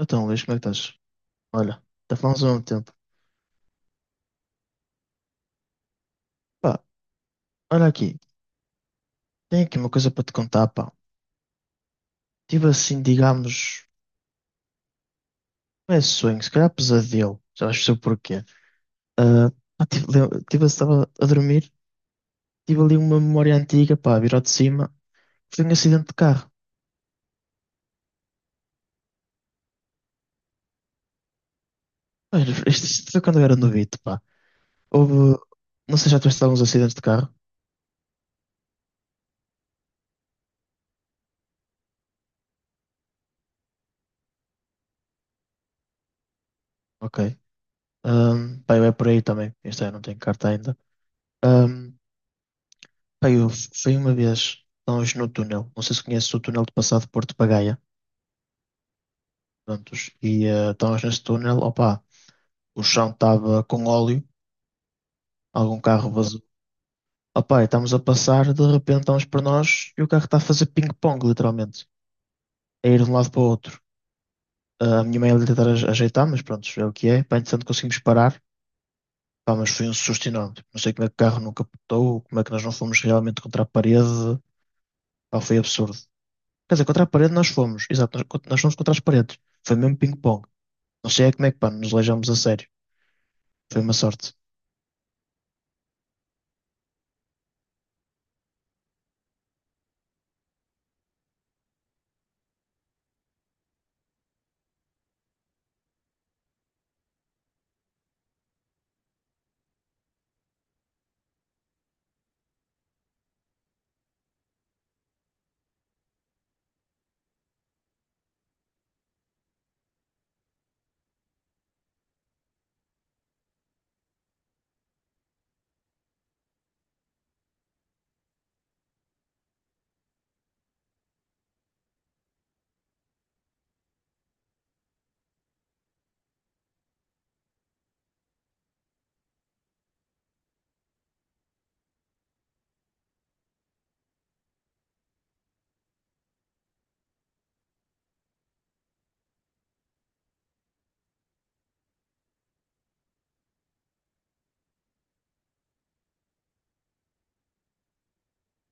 Então, Luís, como é que estás? Olha, já falamos há um tempo. Pá, olha aqui, tenho aqui uma coisa para te contar, pá. Tive assim, digamos, não é sonho, se calhar pesadelo, já vais perceber o porquê. Ah, pá, tive, estava a dormir, tive ali uma memória antiga, pá, virou de cima, foi um acidente de carro. Olha, isto foi quando eu era novito, pá. Houve, não sei, já tiveste alguns acidentes de carro? Ok. Pá, eu é por aí também. Isto é, não tenho carta ainda. Um, Pá, eu fui uma vez, estávamos no túnel. Não sei se conheces o túnel de passado de Porto para Gaia. Prontos. E estávamos nesse túnel. Opa, o chão estava com óleo. Algum carro vazou. Opa, e estamos a passar. De repente estamos para nós e o carro está a fazer ping-pong, literalmente. A ir de um lado para o outro. Ah, a minha mãe ia tentar ajeitar, mas pronto, é o que é. Pá, entretanto conseguimos parar. Pá, mas foi um susto enorme. Não sei como é que o carro não capotou, como é que nós não fomos realmente contra a parede. Pá, foi absurdo. Quer dizer, contra a parede nós fomos. Exato, nós fomos contra as paredes. Foi mesmo ping-pong. Não sei é como é que, pá, nos aleijamos a sério. Foi uma sorte.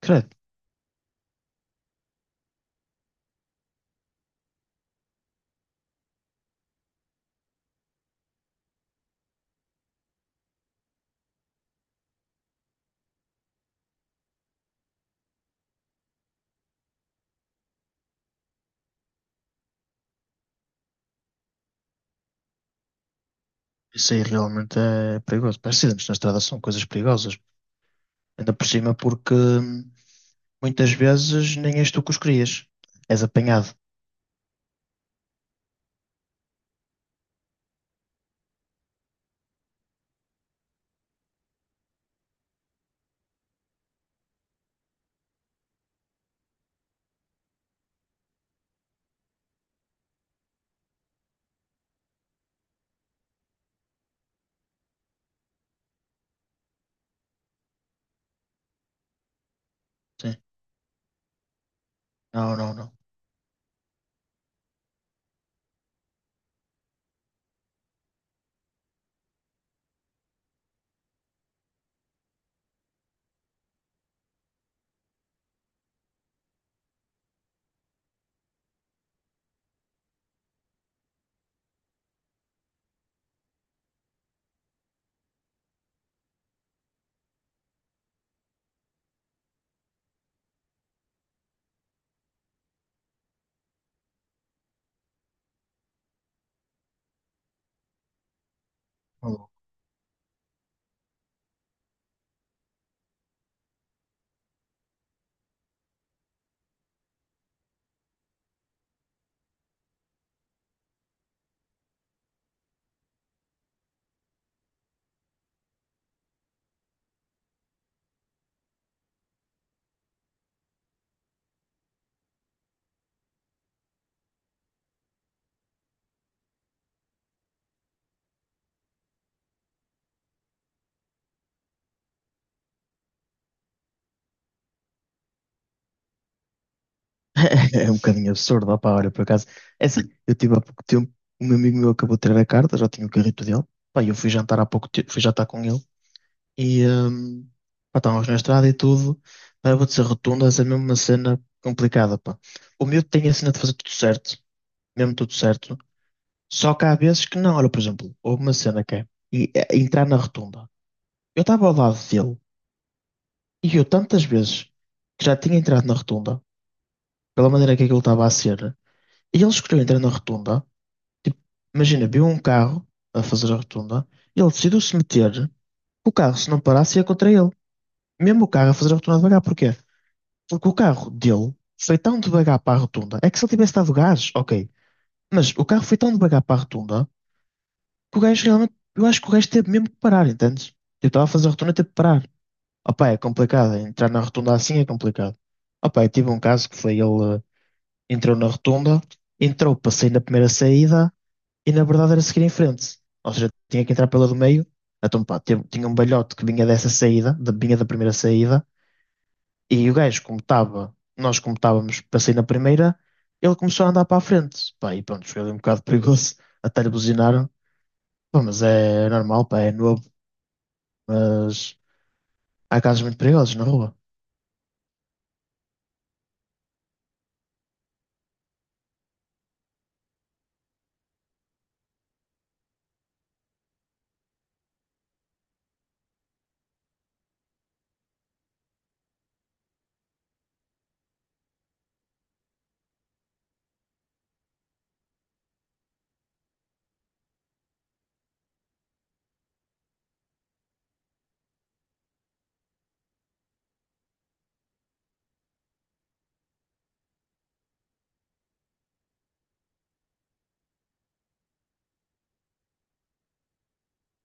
Credo. Isso aí realmente é perigoso. Pá, acidentes na estrada são coisas perigosas. Ainda por cima porque muitas vezes nem és tu que os crias. És apanhado. Sim. Não, não, não. Maluco. É um bocadinho absurdo. Opá, olha, por acaso. É assim, eu tive há pouco tempo, um amigo meu acabou de tirar a carta, já tinha o carrito dele. Pá, e eu fui jantar há pouco tempo, fui jantar com ele. E pá, estávamos na estrada e tudo. Pá, eu vou dizer rotunda, é mesmo uma cena complicada, pá. O miúdo tem a cena de fazer tudo certo, mesmo tudo certo. Só que há vezes que não. Olha, por exemplo, houve uma cena que é entrar na rotunda. Eu estava ao lado dele e eu tantas vezes que já tinha entrado na rotunda, pela maneira que aquilo estava a ser, e ele escolheu entrar na rotunda. Tipo, imagina, viu um carro a fazer a rotunda, e ele decidiu se meter, o carro, se não parasse, ia contra ele. Mesmo o carro a fazer a rotunda devagar, porquê? Porque o carro dele foi tão devagar para a rotunda. É que se ele tivesse dado gás, ok. Mas o carro foi tão devagar para a rotunda que o gajo realmente. Eu acho que o gajo teve mesmo que parar, entendes? Eu estava a fazer a rotunda e teve que parar. Opa, é complicado. Entrar na rotunda assim é complicado. Opa, eu tive um caso que foi ele entrou na rotunda, entrou para sair na primeira saída e na verdade era seguir em frente. Ou seja, tinha que entrar pela do meio. Então, pá, tinha um balhote que vinha dessa saída, vinha da primeira saída. E o gajo, como estava, nós como estávamos para sair na primeira, ele começou a andar para a frente. Pá, e pronto, foi ali um bocado perigoso, até lhe buzinaram. Pá, mas é normal, pá, é novo. Mas há casos muito perigosos na rua,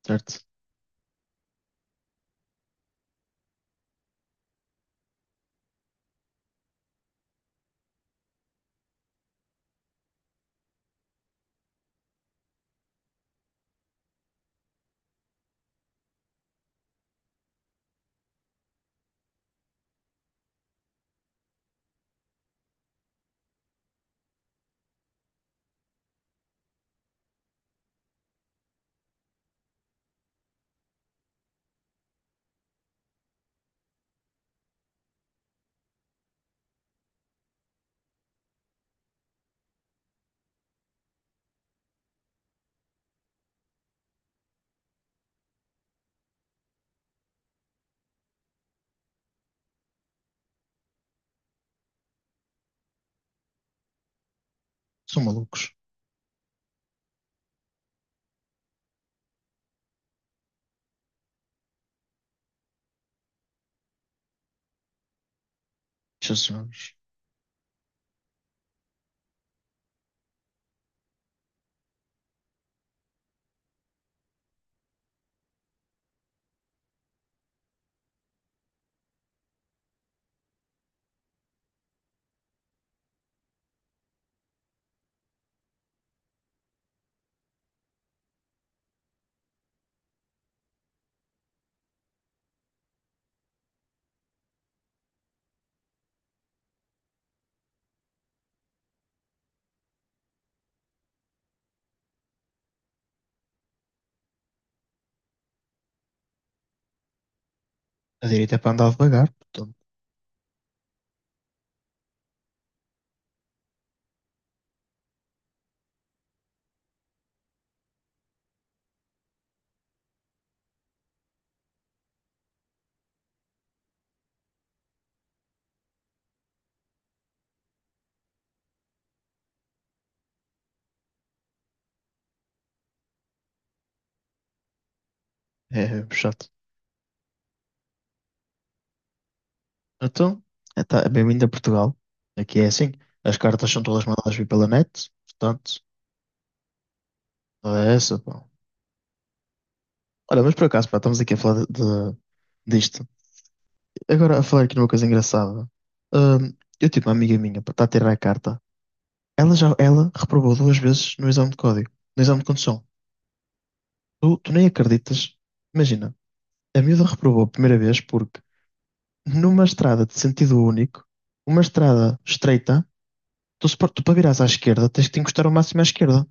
certo? São malucos. Jesus, a direita é para andar devagar, portanto, é chato. Então, tá, é bem-vindo a Portugal. Aqui é assim. As cartas são todas mandadas vir pela net, portanto, é essa, pá. Olha, mas por acaso, pá, estamos aqui a falar de- disto. Agora, a falar aqui numa coisa engraçada. Ahm, eu tive uma amiga minha para estar a tirar a carta. Ela já ela reprovou duas vezes no exame de código, no exame de condução. Tu nem acreditas. Imagina, a miúda reprovou a primeira vez porque numa estrada de sentido único, uma estrada estreita, tu, se, par- tu para virares à esquerda tens que te encostar ao máximo à esquerda.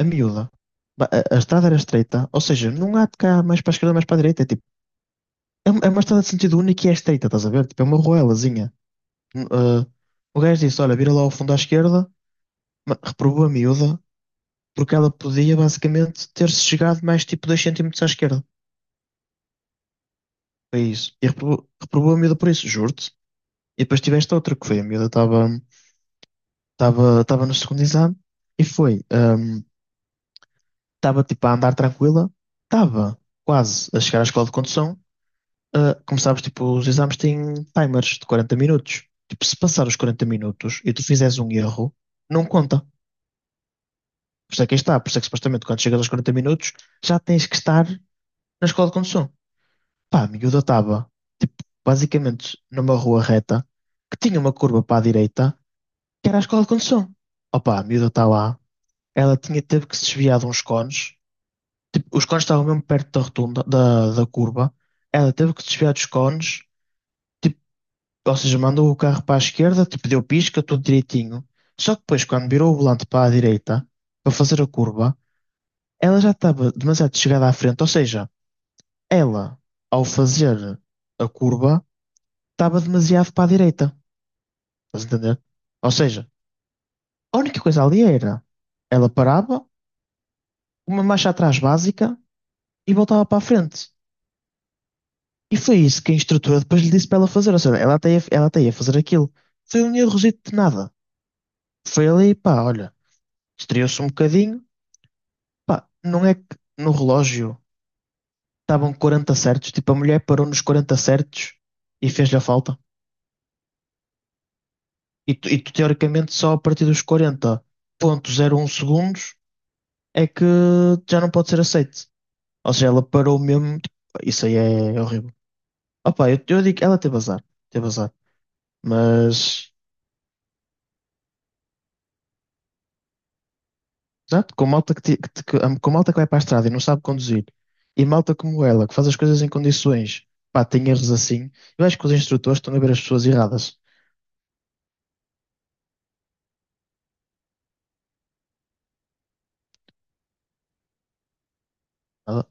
A miúda. A estrada era estreita, ou seja, não há de cá mais para a esquerda, mais para a direita. É tipo, uma estrada de sentido único e é estreita, estás a ver? Tipo, é uma ruelazinha. Ah, o gajo disse: Olha, vira lá ao fundo à esquerda, reprovou a miúda, porque ela podia basicamente ter-se chegado mais tipo 2 centímetros à esquerda. Foi isso. E reprovou a miúda por isso, juro-te. E depois tiveste outra que foi: a miúda estava no segundo exame e foi, estava tipo a andar tranquila, estava quase a chegar à escola de condução. Ah, como sabes, tipo, os exames têm timers de 40 minutos. Tipo, se passar os 40 minutos e tu fizeres um erro, não conta. Por isso é que aí está, por isso é que supostamente quando chegas aos 40 minutos já tens que estar na escola de condução. Pá, a miúda estava, tipo, basicamente numa rua reta que tinha uma curva para a direita que era a escola de condução. Opa, a miúda está lá, ela teve que se desviar de uns cones, tipo, os cones estavam mesmo perto da rotunda, da curva, ela teve que se desviar dos cones, tipo, ou seja, mandou o carro para a esquerda, tipo, deu pisca, tudo direitinho. Só que depois, quando virou o volante para a direita, para fazer a curva, ela já estava demasiado chegada à frente, ou seja, ela, ao fazer a curva, estava demasiado para a direita. Estás a entender? Ou seja, a única coisa ali era ela parava, uma marcha atrás básica e voltava para a frente. E foi isso que a instrutora depois lhe disse para ela fazer. Ou seja, ela até ia fazer aquilo. Foi um errozito de nada. Foi ali, pá, olha, estreou-se um bocadinho. Pá, não é que no relógio estavam 40 certos, tipo, a mulher parou nos 40 certos e fez-lhe a falta. E tu, teoricamente só a partir dos 40,01 segundos é que já não pode ser aceito. Ou seja, ela parou mesmo. Tipo, isso aí é horrível. Opa, eu digo, que ela teve azar. Teve azar. Mas, exato, com malta que, ti- que, te- que- com malta que vai para a estrada e não sabe conduzir, e malta como ela, que faz as coisas em condições, pá, tem erros assim. Eu acho que os instrutores estão a ver as pessoas erradas. Ah,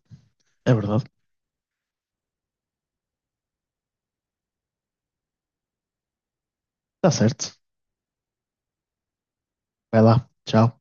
é verdade. Está certo. Vai lá. Tchau.